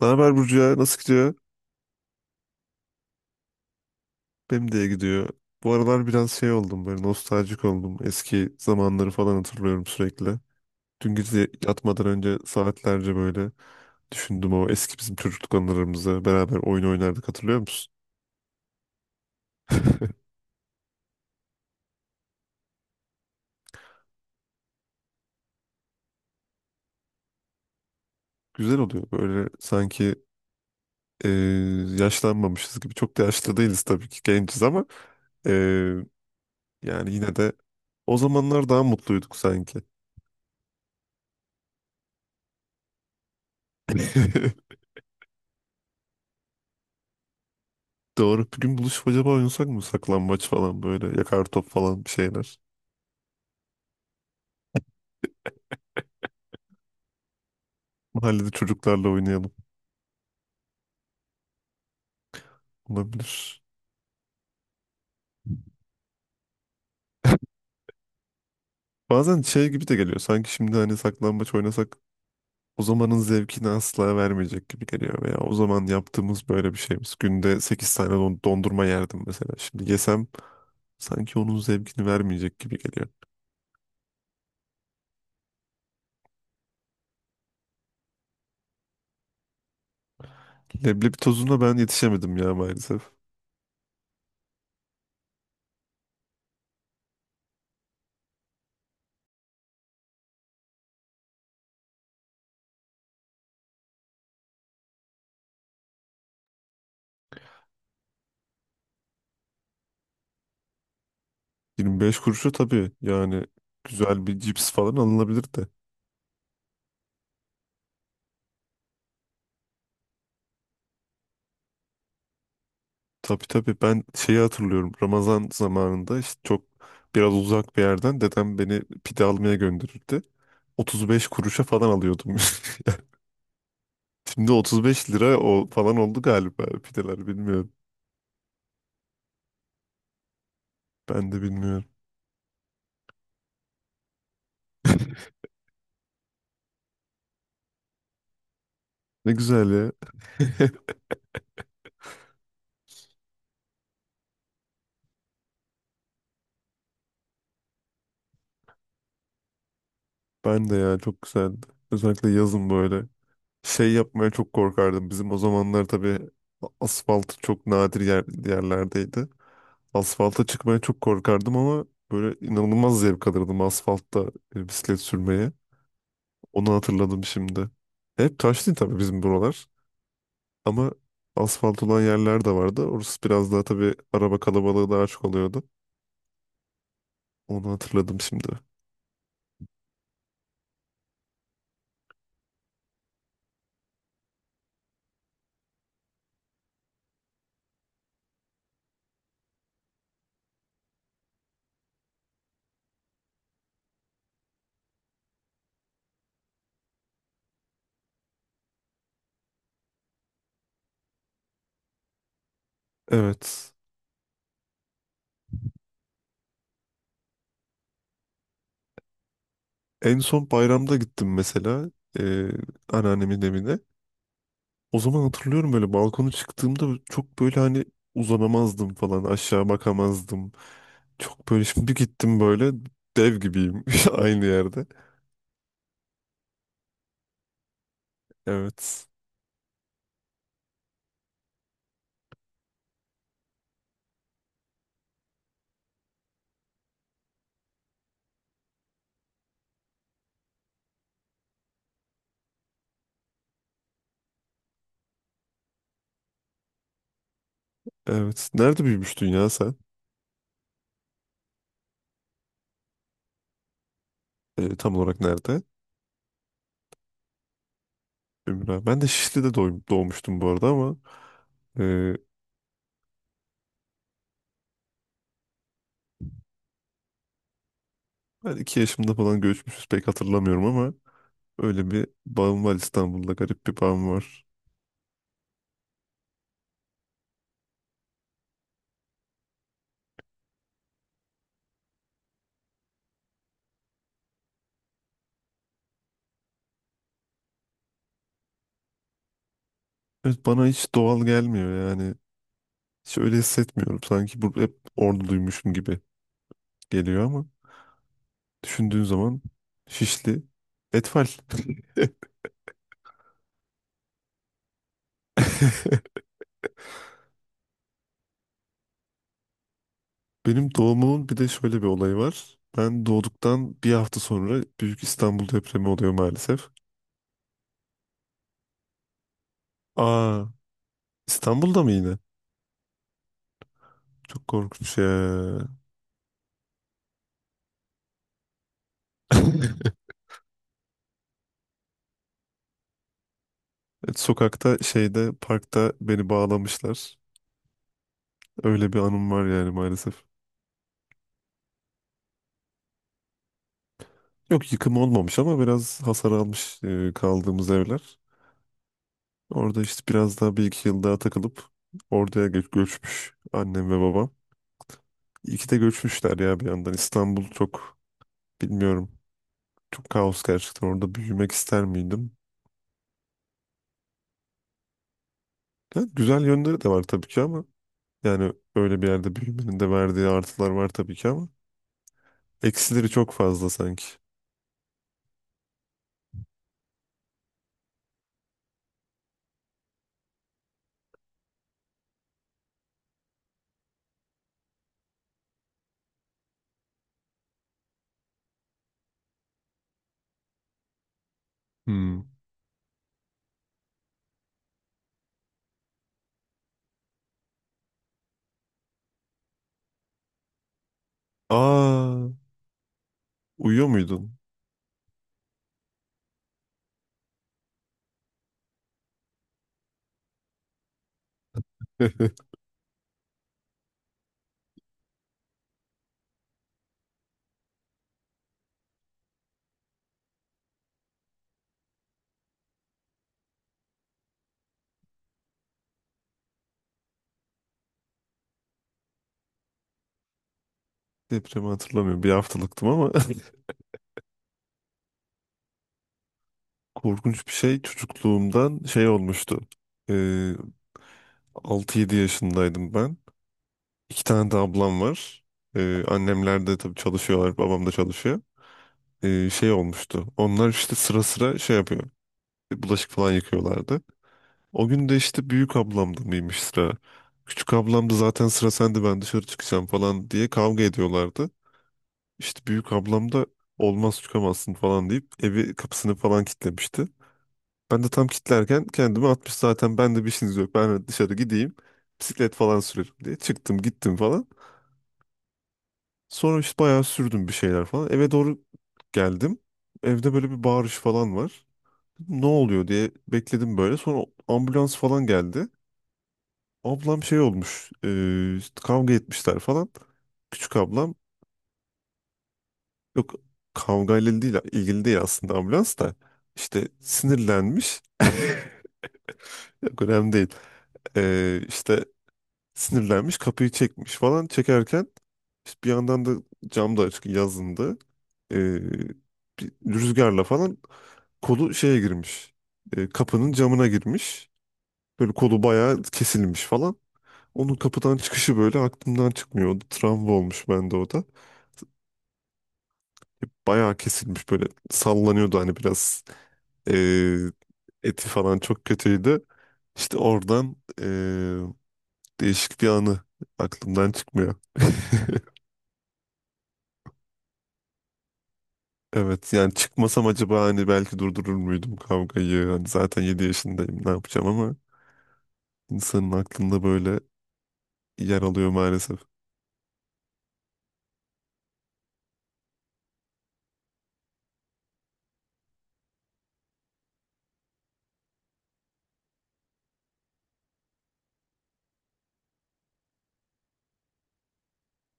Ne haber Burcu ya? Nasıl gidiyor? Benim de iyi gidiyor. Bu aralar biraz şey oldum böyle nostaljik oldum. Eski zamanları falan hatırlıyorum sürekli. Dün gece yatmadan önce saatlerce böyle düşündüm o eski bizim çocukluk anılarımızı. Beraber oyun oynardık hatırlıyor musun? Güzel oluyor böyle sanki e, yaşlanmamışız gibi. Çok da yaşlı değiliz tabii ki genciz ama e, yani yine de o zamanlar daha mutluyduk sanki. Doğru. Bir gün buluşup acaba oynasak mı? Saklambaç falan böyle. Yakar top falan bir şeyler. Mahallede çocuklarla oynayalım. Olabilir. Bazen şey gibi de geliyor. Sanki şimdi hani saklambaç oynasak o zamanın zevkini asla vermeyecek gibi geliyor. Veya o zaman yaptığımız böyle bir şeyimiz. Günde 8 tane dondurma yerdim mesela. Şimdi yesem sanki onun zevkini vermeyecek gibi geliyor. Leblebi tozuna ben yetişemedim ya maalesef. 25 kuruşu tabii yani güzel bir cips falan alınabilir de. Tabii tabii ben şeyi hatırlıyorum. Ramazan zamanında işte çok biraz uzak bir yerden dedem beni pide almaya gönderirdi. 35 kuruşa falan alıyordum. Şimdi 35 lira o falan oldu galiba pideler bilmiyorum. Ben de bilmiyorum. Ne güzel ya. Ben de ya çok güzeldi. Özellikle yazın böyle şey yapmaya çok korkardım. Bizim o zamanlar tabii asfalt çok nadir yerlerdeydi. Asfalta çıkmaya çok korkardım ama böyle inanılmaz zevk alırdım asfaltta bisiklet sürmeye. Onu hatırladım şimdi. Hep taş değil tabii bizim buralar. Ama asfalt olan yerler de vardı. Orası biraz daha tabii araba kalabalığı daha çok oluyordu. Onu hatırladım şimdi. Evet. En son bayramda gittim mesela e, anneannemin evine. O zaman hatırlıyorum böyle balkona çıktığımda çok böyle hani uzanamazdım falan aşağı bakamazdım. Çok böyle şimdi bir gittim böyle dev gibiyim aynı yerde. Evet. Evet. Nerede büyümüştün ya sen? Tam olarak nerede? Ömür abi. Ben de Şişli'de doğmuştum bu arada ama e, ben 2 yaşımda falan göçmüşüz pek hatırlamıyorum ama öyle bir bağım var İstanbul'da garip bir bağım var. Evet bana hiç doğal gelmiyor yani. Hiç öyle hissetmiyorum. Sanki burada hep orduluymuşum gibi geliyor ama düşündüğün zaman Şişli Etfal. Benim doğumumun bir de şöyle bir olayı var. Ben doğduktan bir hafta sonra Büyük İstanbul depremi oluyor maalesef. Aa, İstanbul'da mı yine? Çok korkunç ya. Evet, sokakta şeyde parkta beni bağlamışlar. Öyle bir anım var yani maalesef. Yok yıkım olmamış ama biraz hasar almış kaldığımız evler. Orada işte biraz daha bir iki yıl daha takılıp oraya göçmüş annem ve babam. İyi ki de göçmüşler ya bir yandan. İstanbul çok bilmiyorum. Çok kaos gerçekten. Orada büyümek ister miydim? Yani güzel yönleri de var tabii ki ama yani öyle bir yerde büyümenin de verdiği artılar var tabii ki ama eksileri çok fazla sanki. Hmm. Aa, uyuyor muydun? Depremi hatırlamıyorum. Bir haftalıktım ama korkunç bir şey çocukluğumdan şey olmuştu. Ee, Altı yedi yaşındaydım ben. İki tane de ablam var. Annemler de tabii çalışıyorlar. Babam da çalışıyor. Şey olmuştu. Onlar işte sıra sıra şey yapıyor. Bulaşık falan yıkıyorlardı. O gün de işte büyük ablamda mıymış sıra. Küçük ablam da zaten sıra sende ben dışarı çıkacağım falan diye kavga ediyorlardı. İşte büyük ablam da olmaz çıkamazsın falan deyip evi kapısını falan kilitlemişti. Ben de tam kilitlerken kendimi atmış zaten ben de bir işiniz yok. Ben dışarı gideyim bisiklet falan sürerim diye çıktım gittim falan. Sonra işte bayağı sürdüm bir şeyler falan. Eve doğru geldim. Evde böyle bir bağırış falan var. Ne oluyor diye bekledim böyle. Sonra ambulans falan geldi. Ablam şey olmuş. E, işte kavga etmişler falan. Küçük ablam yok kavgayla değil ilgili değil aslında ambulans da. İşte sinirlenmiş. Yok önemli değil. E, işte sinirlenmiş kapıyı çekmiş falan çekerken işte bir yandan da cam da açık yazındı. E, bir rüzgarla falan kolu şeye girmiş. Kapının camına girmiş. Böyle kolu bayağı kesilmiş falan. Onun kapıdan çıkışı böyle aklımdan çıkmıyor. O da travma olmuş bende o da. Bayağı kesilmiş böyle sallanıyordu hani biraz e, eti falan çok kötüydü. İşte oradan e, değişik bir anı aklımdan çıkmıyor. Evet yani çıkmasam acaba hani belki durdurur muydum kavgayı? Hani zaten 7 yaşındayım ne yapacağım ama insanın aklında böyle yer alıyor maalesef.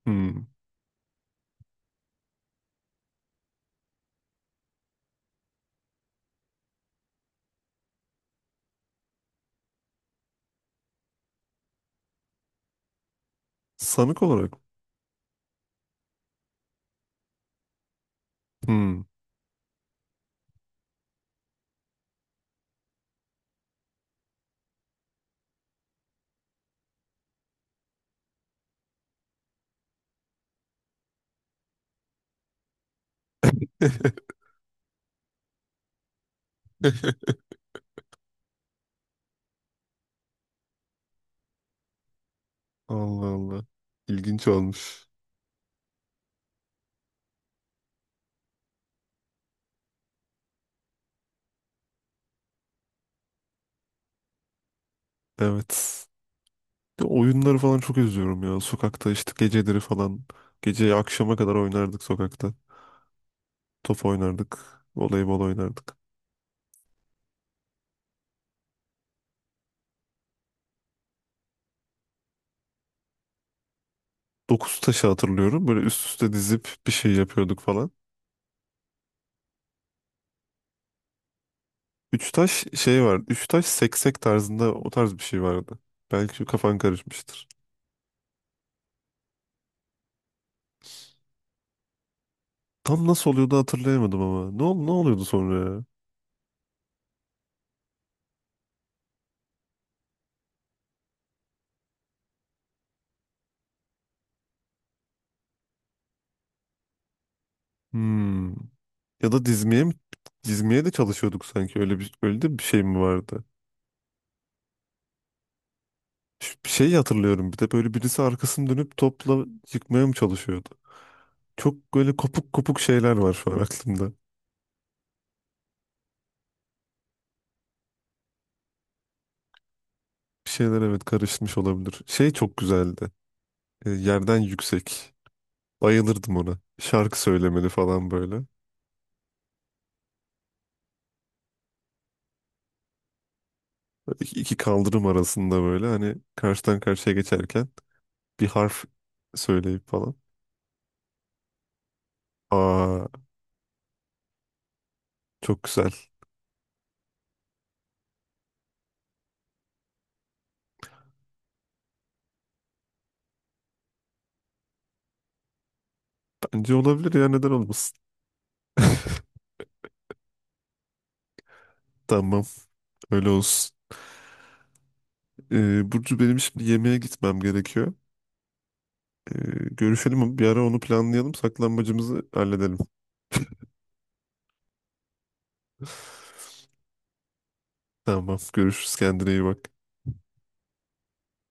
Hmm. Sanık olarak. Hmm. Allah Allah. İlginç olmuş. Evet. Bir de oyunları falan çok özlüyorum ya. Sokakta işte geceleri falan. Gece akşama kadar oynardık sokakta. Top oynardık. Voleybol oynardık. Dokuz taşı hatırlıyorum. Böyle üst üste dizip bir şey yapıyorduk falan. Üç taş şey var. Üç taş seksek tarzında o tarz bir şey vardı. Belki şu kafan karışmıştır. Tam nasıl oluyordu hatırlayamadım ama. Ne, ne oluyordu sonra ya? Hmm. Ya da dizmeye mi? Dizmeye de çalışıyorduk sanki. Öyle bir öyle de bir şey mi vardı? Bir şey hatırlıyorum. Bir de böyle birisi arkasını dönüp topla yıkmaya mı çalışıyordu? Çok böyle kopuk kopuk şeyler var şu an aklımda. Bir şeyler evet karışmış olabilir. Şey çok güzeldi. Yerden yüksek. Bayılırdım ona. Şarkı söylemeli falan böyle. İki kaldırım arasında böyle hani karşıdan karşıya geçerken bir harf söyleyip falan. Aa, çok güzel. Bence olabilir ya neden olmasın? Tamam. Öyle olsun. Burcu benim şimdi yemeğe gitmem gerekiyor. Ee, görüşelim bir ara onu planlayalım. Saklanmacımızı halledelim. Tamam. Görüşürüz. Kendine iyi bak.